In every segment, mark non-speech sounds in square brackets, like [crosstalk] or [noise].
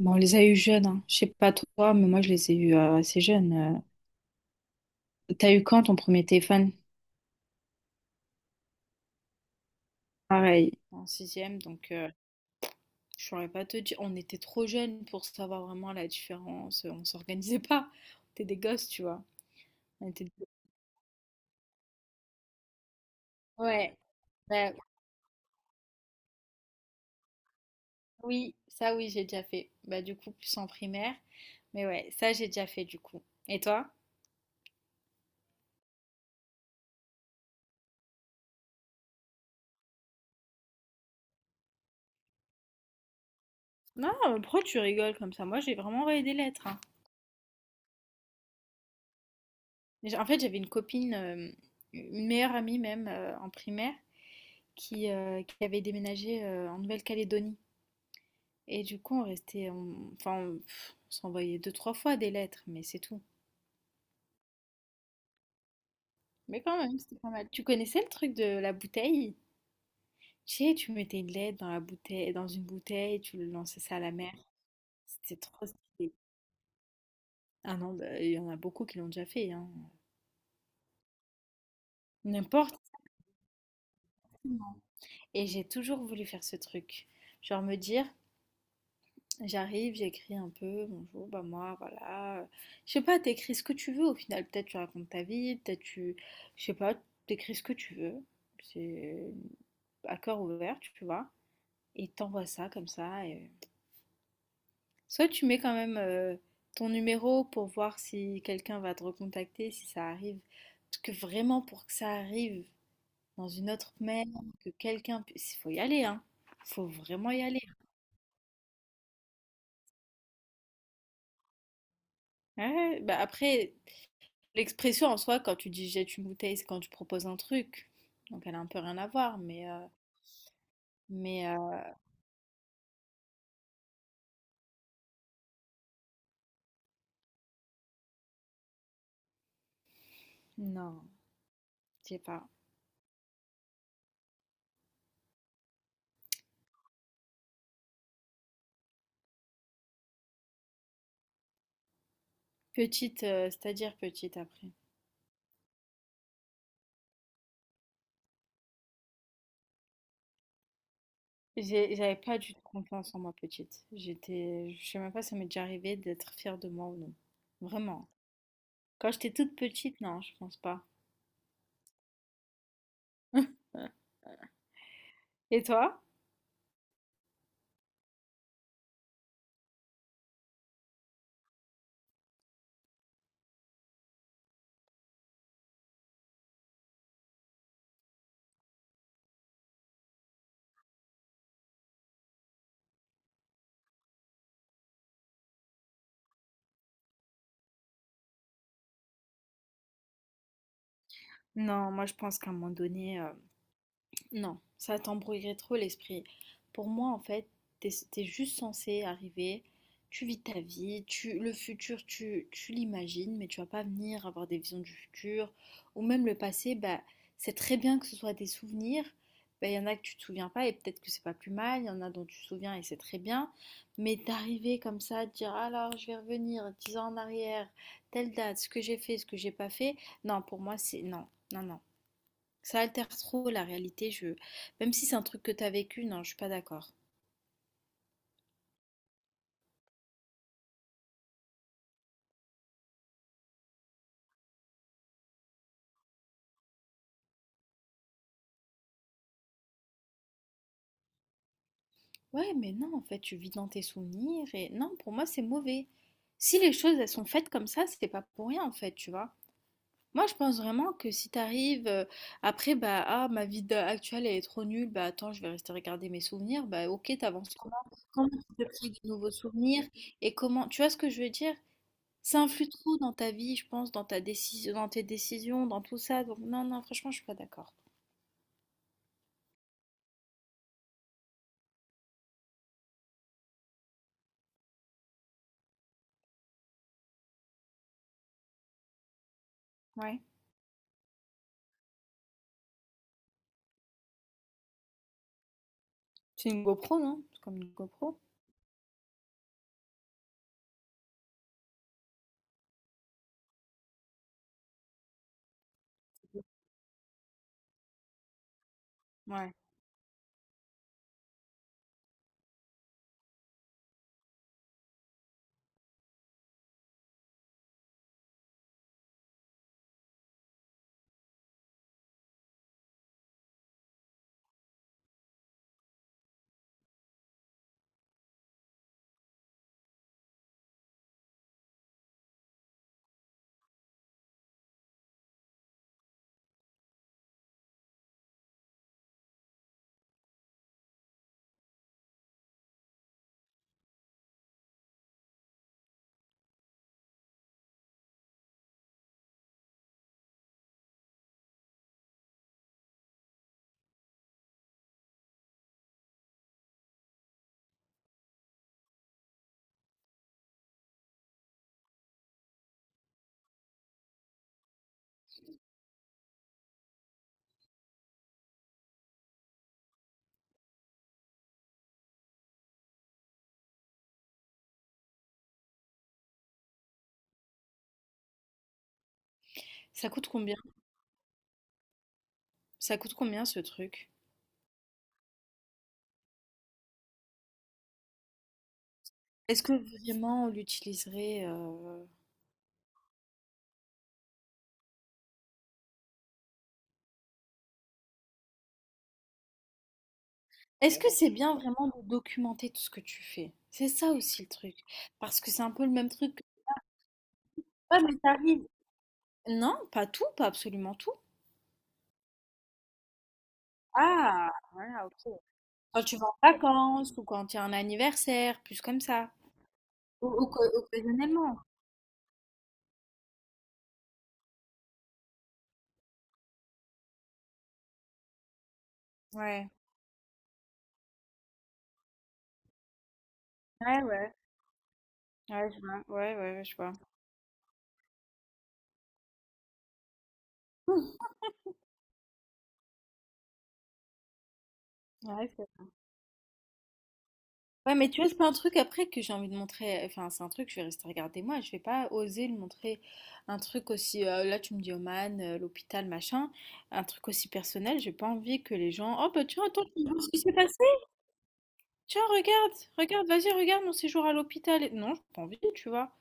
Bon, on les a eu jeunes, hein. Je sais pas toi, mais moi je les ai eu assez jeunes. T'as eu quand ton premier téléphone? Pareil, en sixième, donc je saurais pas te dire. On était trop jeunes pour savoir vraiment la différence. On s'organisait pas. On était des gosses, tu vois. On était des- Ouais, bah oui, ça oui, j'ai déjà fait. Bah du coup, plus en primaire. Mais ouais, ça j'ai déjà fait du coup. Et toi? Non, mais pourquoi tu rigoles comme ça? Moi, j'ai vraiment envoyé des lettres, hein. En fait, j'avais une copine, une meilleure amie même en primaire. Qui avait déménagé en Nouvelle-Calédonie. Et du coup, on restait, on- enfin, on, pff, on s'envoyait deux, trois fois des lettres, mais c'est tout. Mais quand même, c'était pas mal. Tu connaissais le truc de la bouteille? Tu sais, tu mettais une lettre dans la bouteille, dans une bouteille, tu le lançais ça à la mer. C'était trop stylé. Ah non, bah, il y en a beaucoup qui l'ont déjà fait, hein. N'importe. Et j'ai toujours voulu faire ce truc. Genre me dire, j'arrive, j'écris un peu, bonjour, bah moi, voilà. Je sais pas, t'écris ce que tu veux au final. Peut-être tu racontes ta vie, peut-être tu. Je sais pas, t'écris ce que tu veux. C'est à cœur ouvert, tu vois. Et t'envoies ça comme ça. Soit tu mets quand même ton numéro pour voir si quelqu'un va te recontacter, si ça arrive. Parce que vraiment, pour que ça arrive dans une autre mail, que quelqu'un puisse. Il faut y aller, hein. Faut vraiment y aller, hein. Ouais, bah après. L'expression en soi, quand tu dis: «Jette une bouteille», c'est quand tu proposes un truc, donc elle a un peu rien à voir, mais heu, non, je sais pas. Petite, c'est-à-dire petite après? J'avais pas du tout confiance en moi petite. J'étais je sais même pas si ça m'est déjà arrivé d'être fière de moi ou non. Vraiment. Quand j'étais toute petite, non, je pense pas. [laughs] Et toi? Non, moi je pense qu'à un moment donné, non, ça t'embrouillerait trop l'esprit. Pour moi, en fait, t'es juste censé arriver, tu vis ta vie, le futur, tu l'imagines, mais tu vas pas venir avoir des visions du futur. Ou même le passé, bah, c'est très bien que ce soit des souvenirs. Bah, y en a que tu te souviens pas et peut-être que c'est pas plus mal, il y en a dont tu te souviens et c'est très bien. Mais d'arriver comme ça, de dire alors je vais revenir 10 ans en arrière, telle date, ce que j'ai fait, ce que j'ai pas fait, non, pour moi c'est non, non, non. Ça altère trop la réalité, je... Même si c'est un truc que t'as vécu, non, je suis pas d'accord. Ouais, mais non, en fait, tu vis dans tes souvenirs et non, pour moi, c'est mauvais. Si les choses, elles sont faites comme ça, c'est pas pour rien, en fait, tu vois. Moi, je pense vraiment que si t'arrives après, bah, ah, ma vie actuelle, elle est trop nulle, bah, attends, je vais rester regarder mes souvenirs, bah, ok, t'avances comment? Comment tu te crées de nouveaux souvenirs et comment, tu vois ce que je veux dire? Ça influe trop dans ta vie, je pense, dans ta décision, dans tes décisions, dans tout ça. Donc, non, non, franchement, je suis pas d'accord. Ouais. C'est une GoPro, non? C'est comme une GoPro. Ouais. Ça coûte combien? Ça coûte combien ce truc? Est-ce que vraiment on l'utiliserait Est-ce que c'est bien vraiment de documenter tout ce que tu fais? C'est ça aussi le truc. Parce que c'est un peu le même truc que... Ah, mais t'arrives. Non, pas tout, pas absolument tout. Ah, voilà, ok. Quand tu vas en vacances ou quand il y a un anniversaire, plus comme ça. Ou occasionnellement. Ouais, ouais, ouais. Ouais, je vois, ouais, ouais, ouais, je vois. Hum. Ouais, ouais, mais tu vois, c'est pas un truc après que j'ai envie de montrer. Enfin, c'est un truc, je vais rester regarder moi. Je vais pas oser le montrer. Un truc aussi, là, tu me dis Oman, l'hôpital, machin. Un truc aussi personnel. J'ai pas envie que les gens. Oh, bah, tiens, attends, tu vois ce qui s'est passé? Tiens, regarde, regarde, vas-y, regarde mon séjour à l'hôpital. Non, j'ai pas envie, tu vois.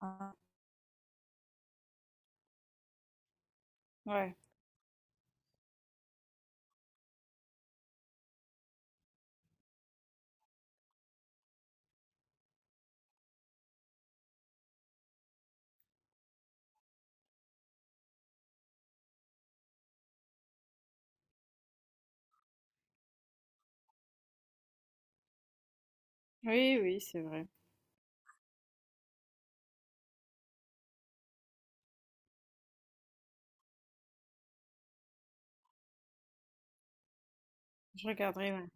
Ah, ouais. Oui, oui, c'est vrai. Je regarderai, ouais.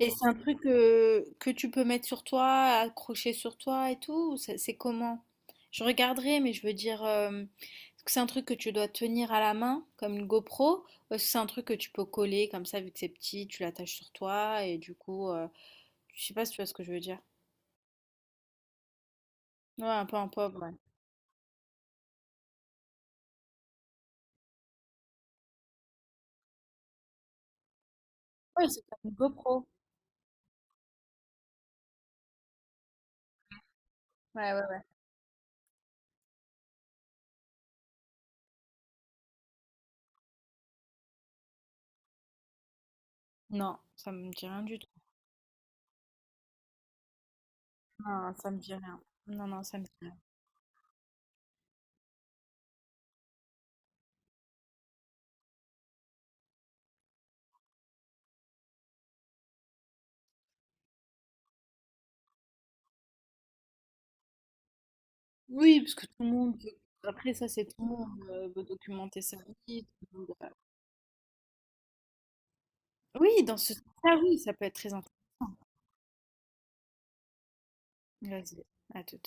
Et c'est un truc que tu peux mettre sur toi, accrocher sur toi et tout, ou c'est comment? Je regarderai, mais je veux dire, est-ce que c'est un truc que tu dois tenir à la main, comme une GoPro, ou est-ce que c'est un truc que tu peux coller comme ça, vu que c'est petit, tu l'attaches sur toi, et du coup, je sais pas si tu vois ce que je veux dire. Ouais, un peu un pauvre, ouais. Ouais, c'est comme une GoPro. Ouais, ouais, ouais. Non, ça me dit rien du tout. Non, ça me dit rien. Non, non, ça me dit rien. Oui, parce que tout le monde après, ça, c'est tout le monde veut documenter sa vie. Tout le monde, oui, dans ce sens-là, oui, ça peut être très intéressant. Vas-y, à tout.